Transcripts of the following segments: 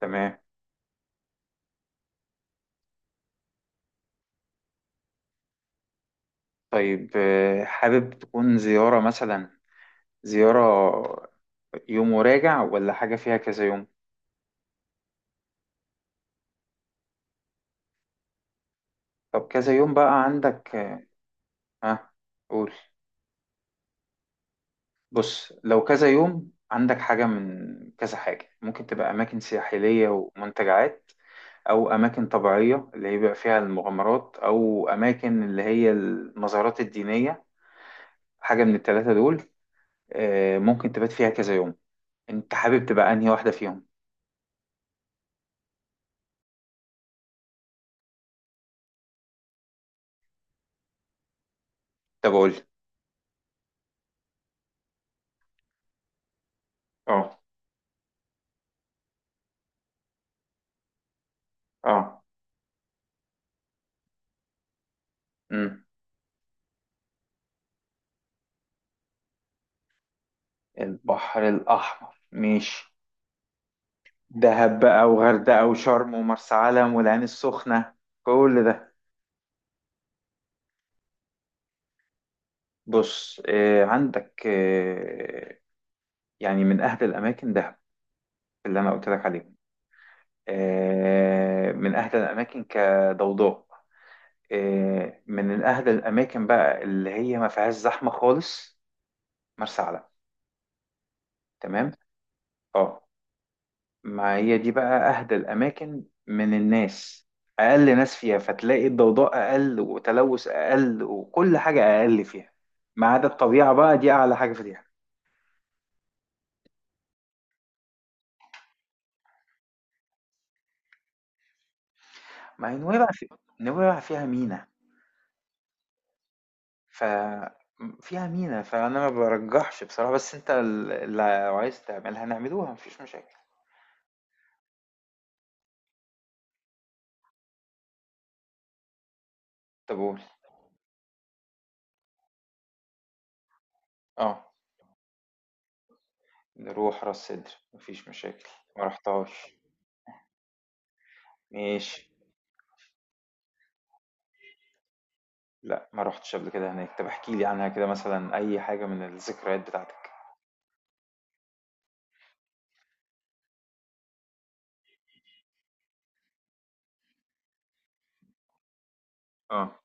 تمام. طيب، حابب تكون زيارة، مثلا زيارة يوم وراجع، ولا حاجة فيها كذا يوم؟ طب، كذا يوم بقى عندك. ها، قول. بص، لو كذا يوم عندك حاجة من كذا حاجة، ممكن تبقى أماكن ساحلية ومنتجعات، أو أماكن طبيعية اللي هي بيبقى فيها المغامرات، أو أماكن اللي هي المزارات الدينية. حاجة من التلاتة دول. ممكن تبات فيها كذا يوم. أنت حابب تبقى أنهي واحدة فيهم؟ طب قول. اه، اه. مم. البحر الأحمر، ماشي. دهب بقى، وغردقة، وشرم، ومرسى علم، والعين السخنة، كل ده. بص، عندك، يعني من أهل الأماكن دهب، اللي أنا قلت لك عليهم. من أهل الأماكن كضوضاء. من أهل الأماكن بقى اللي هي ما فيهاش زحمة خالص، مرسى علم. تمام. اه. ما هي دي بقى أهدى الأماكن من الناس، أقل ناس فيها، فتلاقي الضوضاء أقل، وتلوث أقل، وكل حاجة أقل فيها، ما عدا الطبيعة بقى، دي أعلى حاجة فيها. ما هي نويبع نويبع فيها مينا. ف فيها مينا، فأنا ما برجحش بصراحة، بس أنت اللي عايز تعملها نعملوها، مفيش مشاكل. طب قول. أه. نروح راس سدر، مفيش مشاكل. ما رحتهاش، ماشي. لا، ما رحتش قبل كده هناك. طب احكي لي عنها كده، مثلا أي حاجة من الذكريات بتاعتك. آه.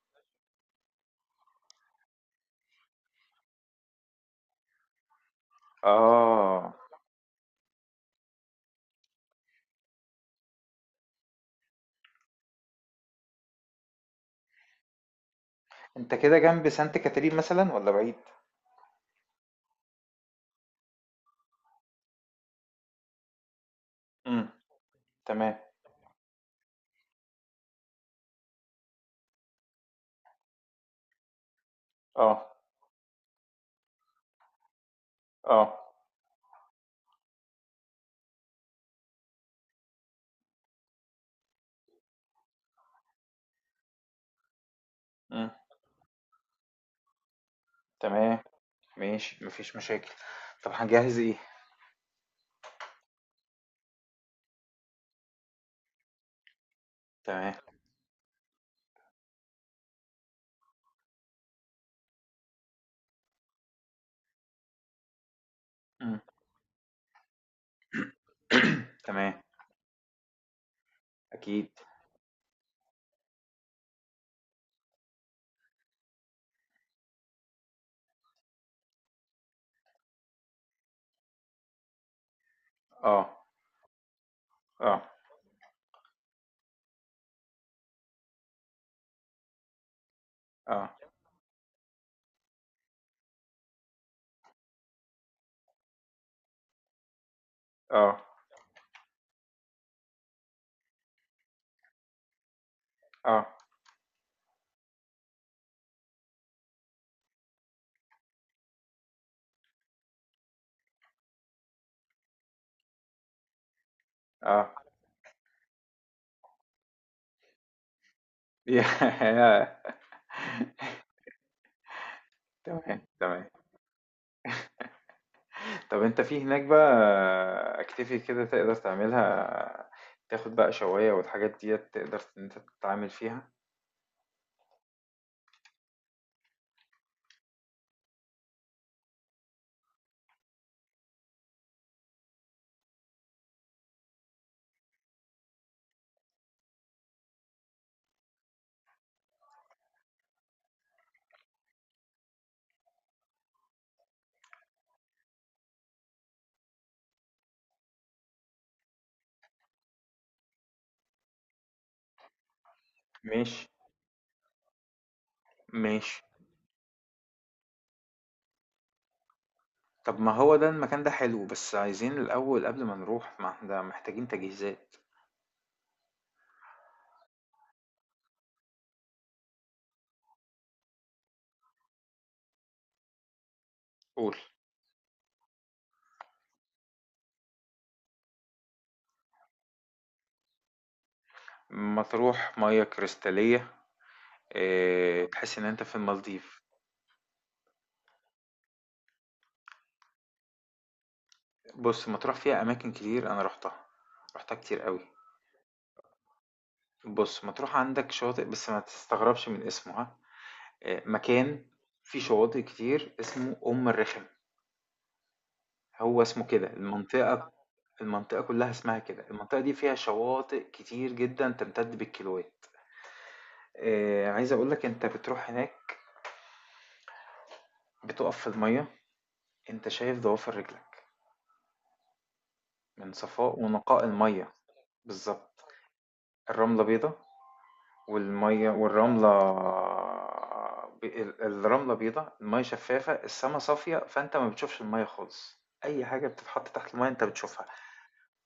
آه، أنت كده جنب سانت كاترين مثلًا والّا بعيد؟ إمم. تمام. آه. آه. إمم. تمام. ماشي. ما فيش مشاكل. طب هنجهّز إيه؟ تمام. إمم. تمام. أكيد. آه. آه. آه. آه. آه. آه. ياه! تمام، تمام. طب أنت في هناك بقى activity كده تقدر تعملها، تاخد بقى شواية والحاجات ديّة تقدر إن أنت تتعامل فيها؟ ماشي، ماشي. طب، ما هو ده المكان ده حلو، بس عايزين الأول قبل ما نروح، ما احنا محتاجين تجهيزات. قول. مطروح مياه كريستالية. اه، تحس إن أنت في المالديف. بص، مطروح فيها أماكن كتير، أنا روحتها، روحتها كتير قوي. بص، مطروح عندك شواطئ، بس ما تستغربش من اسمها. اه، مكان فيه شواطئ كتير اسمه أم الرخم. هو اسمه كده المنطقة، المنطقة كلها اسمها كده، المنطقة دي فيها شواطئ كتير جدا، تمتد بالكيلوات. عايز اقولك انت بتروح هناك، بتقف في المية، انت شايف ضوافر رجلك من صفاء ونقاء المية. بالظبط. الرملة بيضة. والمية والرملة، الرملة بيضة، المية شفافة، السما صافية، فانت ما بتشوفش المية خالص. اي حاجة بتتحط تحت المية انت بتشوفها،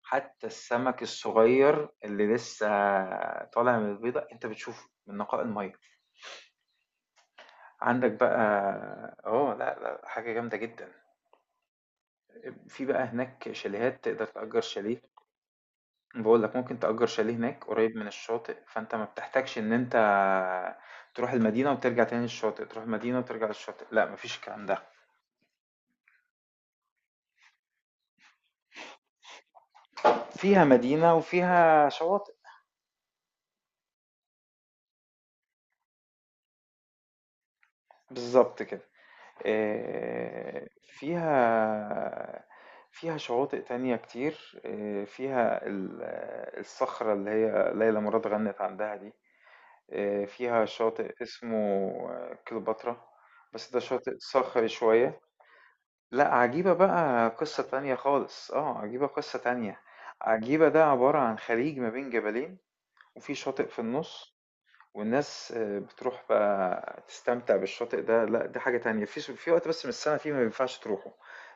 حتى السمك الصغير اللي لسه طالع من البيضة انت بتشوفه من نقاء المية. عندك بقى. اه، لا لا، حاجة جامدة جدا. في بقى هناك شاليهات، تقدر تأجر شاليه. بقول لك، ممكن تأجر شاليه هناك قريب من الشاطئ، فانت ما بتحتاجش ان انت تروح المدينة وترجع تاني للشاطئ، تروح المدينة وترجع للشاطئ، لا، مفيش الكلام ده. فيها مدينة وفيها شواطئ. بالظبط كده. آه، فيها شواطئ تانية كتير. فيها الصخرة اللي هي ليلى مراد غنت عندها دي. فيها شاطئ اسمه كليوباترا، بس ده شاطئ صخري شوية. لأ، عجيبة بقى قصة تانية خالص، عجيبة قصة تانية. عجيبة ده عبارة عن خليج ما بين جبلين، وفي شاطئ في النُص، والناس بتروح بقى تستمتع بالشاطئ ده، لأ، دي حاجة تانية. في وقت بس من السنة فيه ما ينفعش تروحه،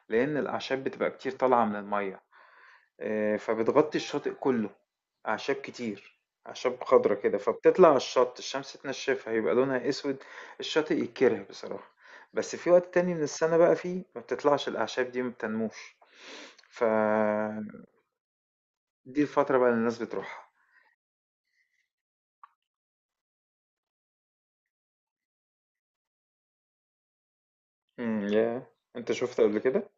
لإن الأعشاب بتبقى كتير طالعة من المَيّة. فبتغطي الشاطئ كله، أعشاب كتير، أعشاب خضرة كده، فبتطلع على الشط، الشمس تنشفها يبقى لونها أسود. الشاطئ يتكره بصراحة. بس في وقت تاني من السنة بقى، فيه ما بتطلعش الأعشاب دي، ما بتنموش. فدي الفترة بقى اللي الناس بتروحها. يا انت شفت قبل كده؟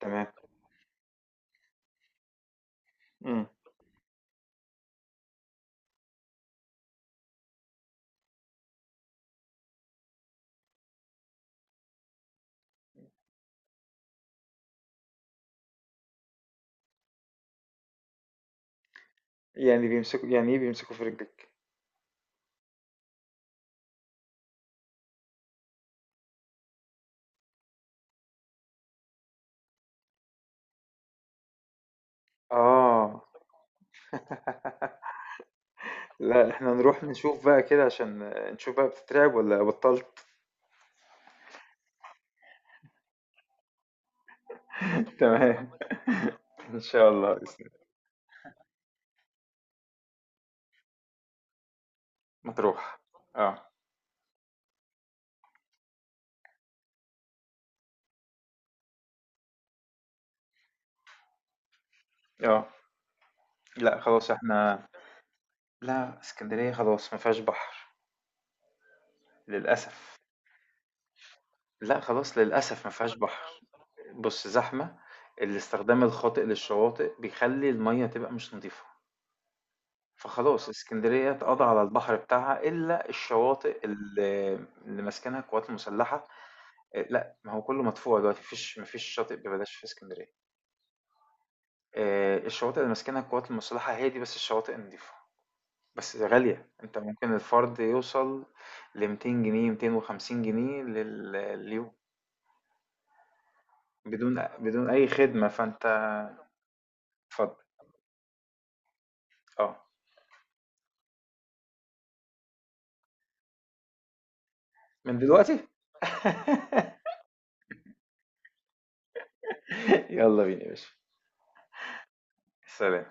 تمام. امم يعني بيمسكوا، يعني ايه بيمسكوا في رجلك؟ اه، لا، احنا نروح نشوف بقى كده عشان نشوف بقى، بتترعب ولا بطلت؟ تمام، ان شاء الله. مطروح. اه، اه. لا خلاص احنا. لا، اسكندرية خلاص ما فيهاش بحر، للأسف. لا، خلاص، للأسف ما فيهاش بحر. بص، زحمة. الاستخدام الخاطئ للشواطئ بيخلي المية تبقى مش نظيفة، فخلاص اسكندرية اتقضى على البحر بتاعها، إلا الشواطئ اللي ماسكنها القوات المسلحة. إيه، لا، ما هو كله مدفوع دلوقتي، مفيش شاطئ ببلاش في اسكندرية. إيه، الشواطئ اللي ماسكنها القوات المسلحة هي دي بس الشواطئ النظيفة، بس غالية. أنت ممكن الفرد يوصل ل200 جنيه، 250 جنيه لليوم، بدون أي خدمة، فأنت. اتفضل. اه، من دلوقتي. يلا بينا يا باشا. سلام.